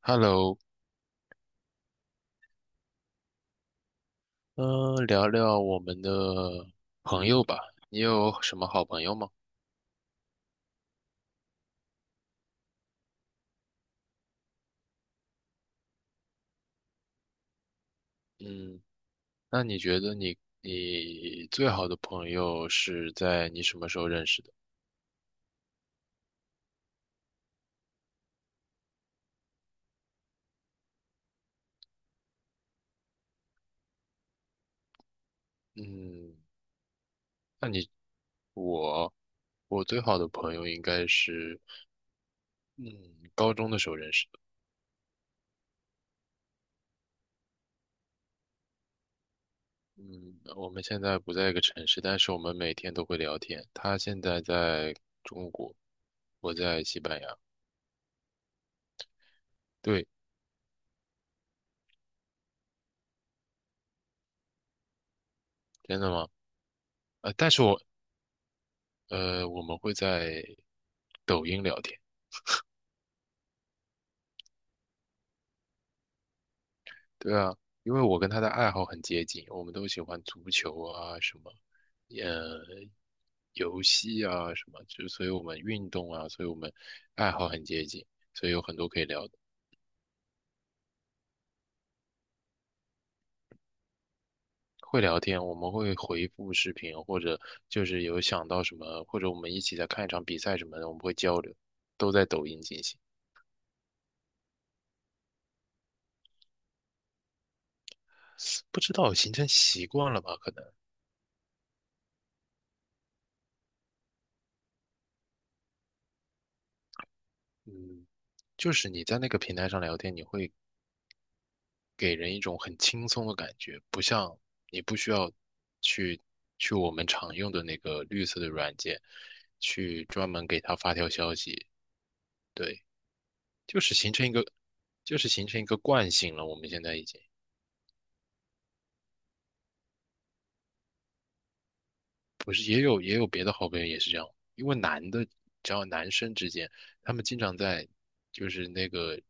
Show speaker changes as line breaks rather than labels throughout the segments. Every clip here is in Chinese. Hello，聊聊我们的朋友吧。你有什么好朋友吗？嗯，那你觉得你最好的朋友是在你什么时候认识的？嗯，那你我我最好的朋友应该是嗯高中的时候认识的。嗯，我们现在不在一个城市，但是我们每天都会聊天。他现在在中国，我在西班牙。对。真的吗？但是我们会在抖音聊天。对啊，因为我跟他的爱好很接近，我们都喜欢足球啊，什么，呃，游戏啊，什么，就所以我们运动啊，所以我们爱好很接近，所以有很多可以聊的。会聊天，我们会回复视频，或者就是有想到什么，或者我们一起在看一场比赛什么的，我们会交流，都在抖音进行。不知道形成习惯了吧？可能，嗯，就是你在那个平台上聊天，你会给人一种很轻松的感觉，不像你不需要去去我们常用的那个绿色的软件，去专门给他发条消息。对，就是形成一个，就是形成一个惯性了。我们现在已经不是也有别的好朋友也是这样。因为男的，只要男生之间，他们经常在就是那个。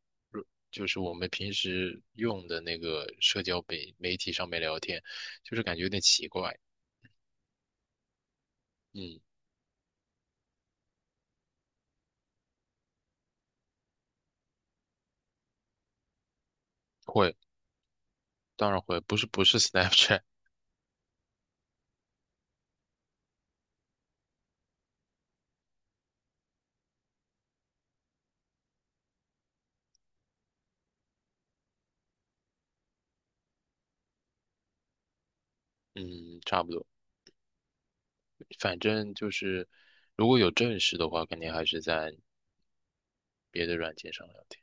就是我们平时用的那个社交媒体上面聊天，就是感觉有点奇怪。嗯，会。当然会，不是 Snapchat。嗯，差不多。反正就是如果有正事的话，肯定还是在别的软件上聊天。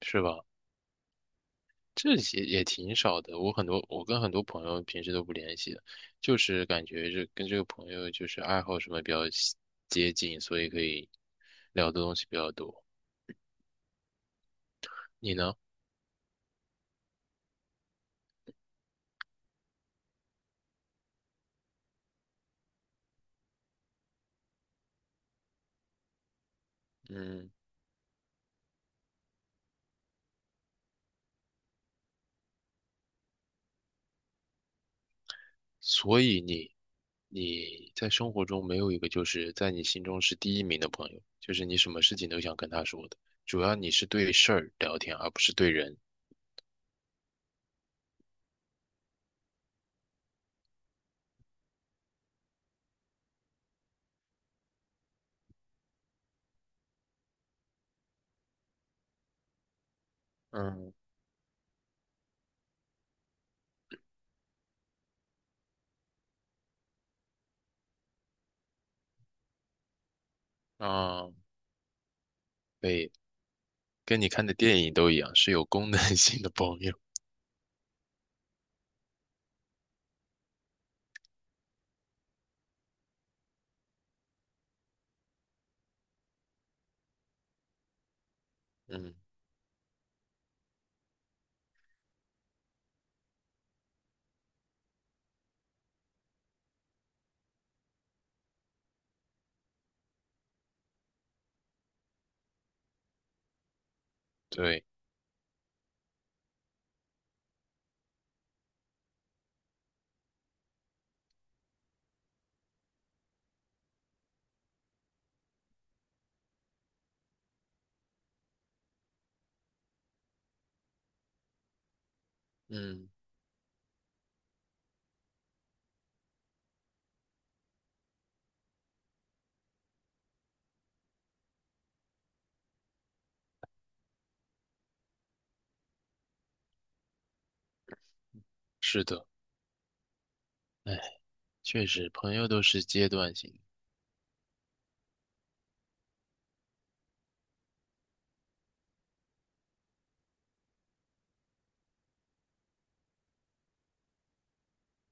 是吧？这些也挺少的，我跟很多朋友平时都不联系的，就是感觉这跟这个朋友就是爱好什么比较接近，所以可以聊的东西比较多。你呢？嗯。所以你在生活中没有一个就是在你心中是第一名的朋友，就是你什么事情都想跟他说的，主要你是对事儿聊天，而不是对人。嗯啊，对，跟你看的电影都一样，是有功能 性的朋友。嗯，对，嗯，是的。哎，确实，朋友都是阶段性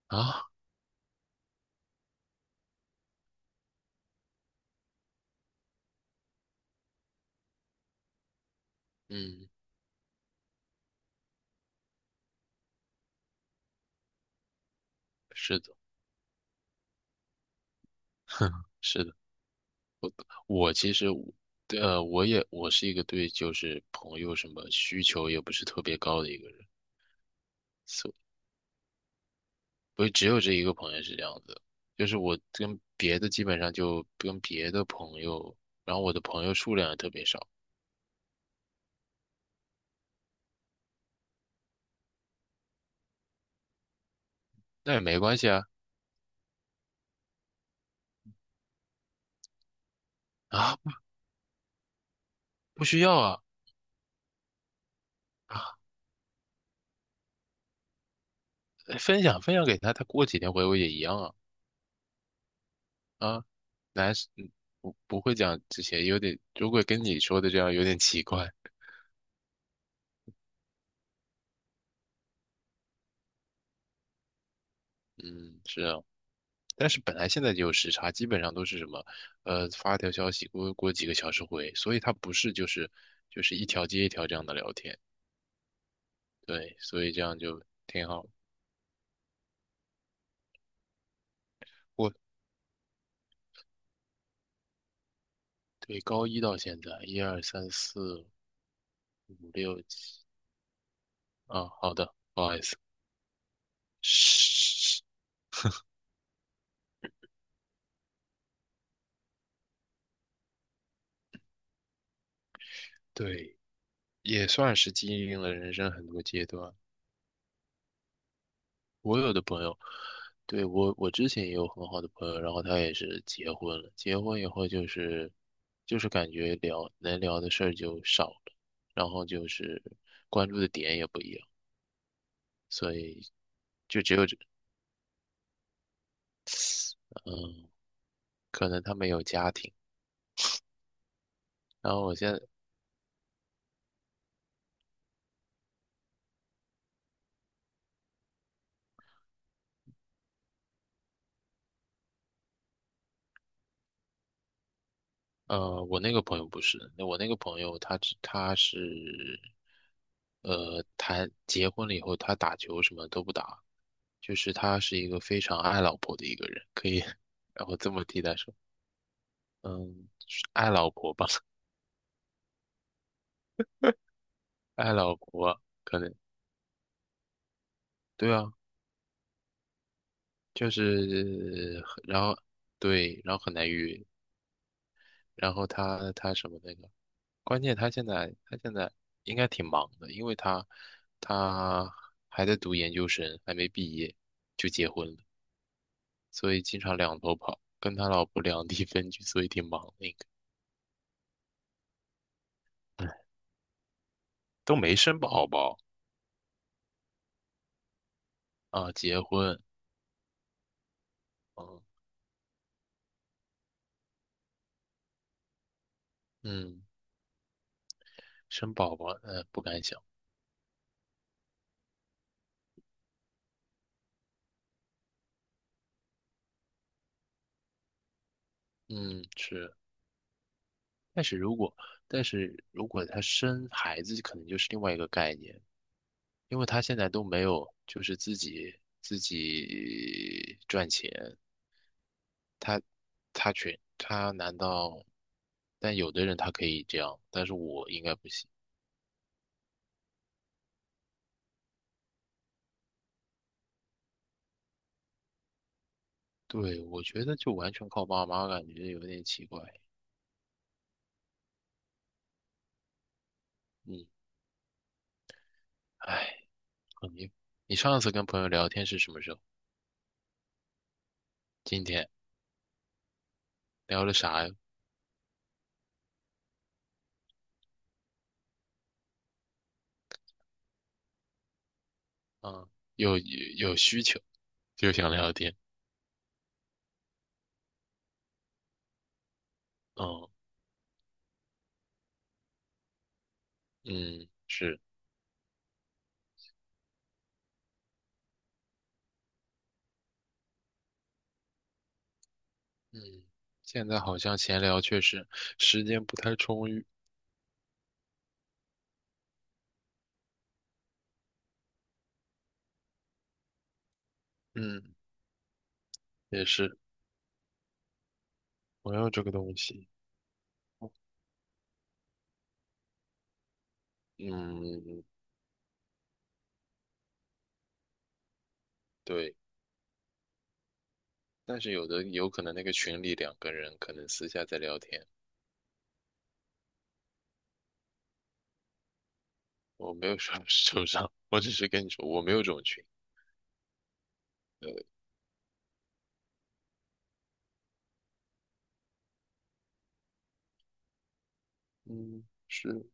的啊。嗯，是的，是的。我其实对，我是一个对就是朋友什么需求也不是特别高的一个人。所不只有这一个朋友是这样子，就是我跟别的基本上就跟别的朋友。然后我的朋友数量也特别少。那也没关系啊啊。不需要啊。啊，分享给他，他过几天回我也一样啊。啊，男是嗯不会讲这些，有点如果跟你说的这样有点奇怪。嗯，是啊。但是本来现在就有时差，基本上都是什么，发条消息过几个小时回，所以他不是就是一条接一条这样的聊天。对，所以这样就挺好。我对，高一到现在，一二三四五六七。啊，好的，不好意思。是，对，也算是经历了人生很多阶段。我有的朋友，对，我之前也有很好的朋友，然后他也是结婚了，结婚以后就是感觉能聊的事儿就少了，然后就是关注的点也不一样，所以就只有这。嗯，可能他们有家庭。然后我现在呃，我那个朋友不是，那我那个朋友他是，谈结婚了以后，他打球什么都不打，就是他是一个非常爱老婆的一个人，可以，然后这么替代说。嗯，是爱老婆吧，爱老婆，可能，对啊，就是很，然后对，然后很难约，然后他什么那个。关键他现在应该挺忙的，因为他还在读研究生，还没毕业就结婚了，所以经常两头跑，跟他老婆两地 分居，所以挺忙的应该。唉，都没生宝宝啊。结婚。嗯嗯，生宝宝，不敢想。嗯是，但是如果但是如果他生孩子，可能就是另外一个概念，因为他现在都没有就是自己赚钱。他难道？但有的人他可以这样，但是我应该不行。对，我觉得就完全靠爸妈，感觉有点奇怪。嗯，唉，你你上次跟朋友聊天是什么时候？今天聊了啥呀？嗯，有需求就想聊天。嗯嗯，是。嗯，现在好像闲聊确实时间不太充裕。嗯，也是朋友这个东西。嗯，对。但是有可能那个群里两个人可能私下在聊天。我没有说 受伤，我只是跟你说我没有这种群。呃，嗯，是。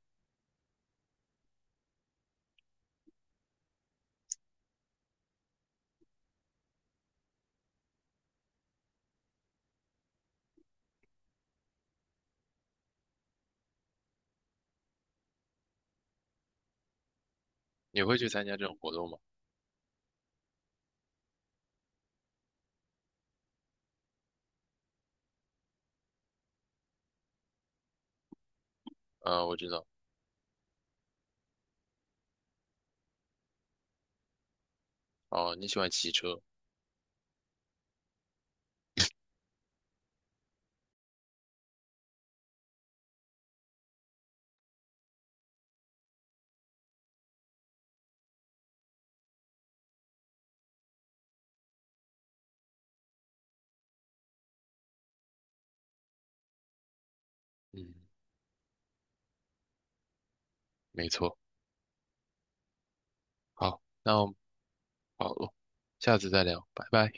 你会去参加这种活动吗？啊、我知道。哦，你喜欢骑车。嗯，没错。好，好了，下次再聊，拜拜。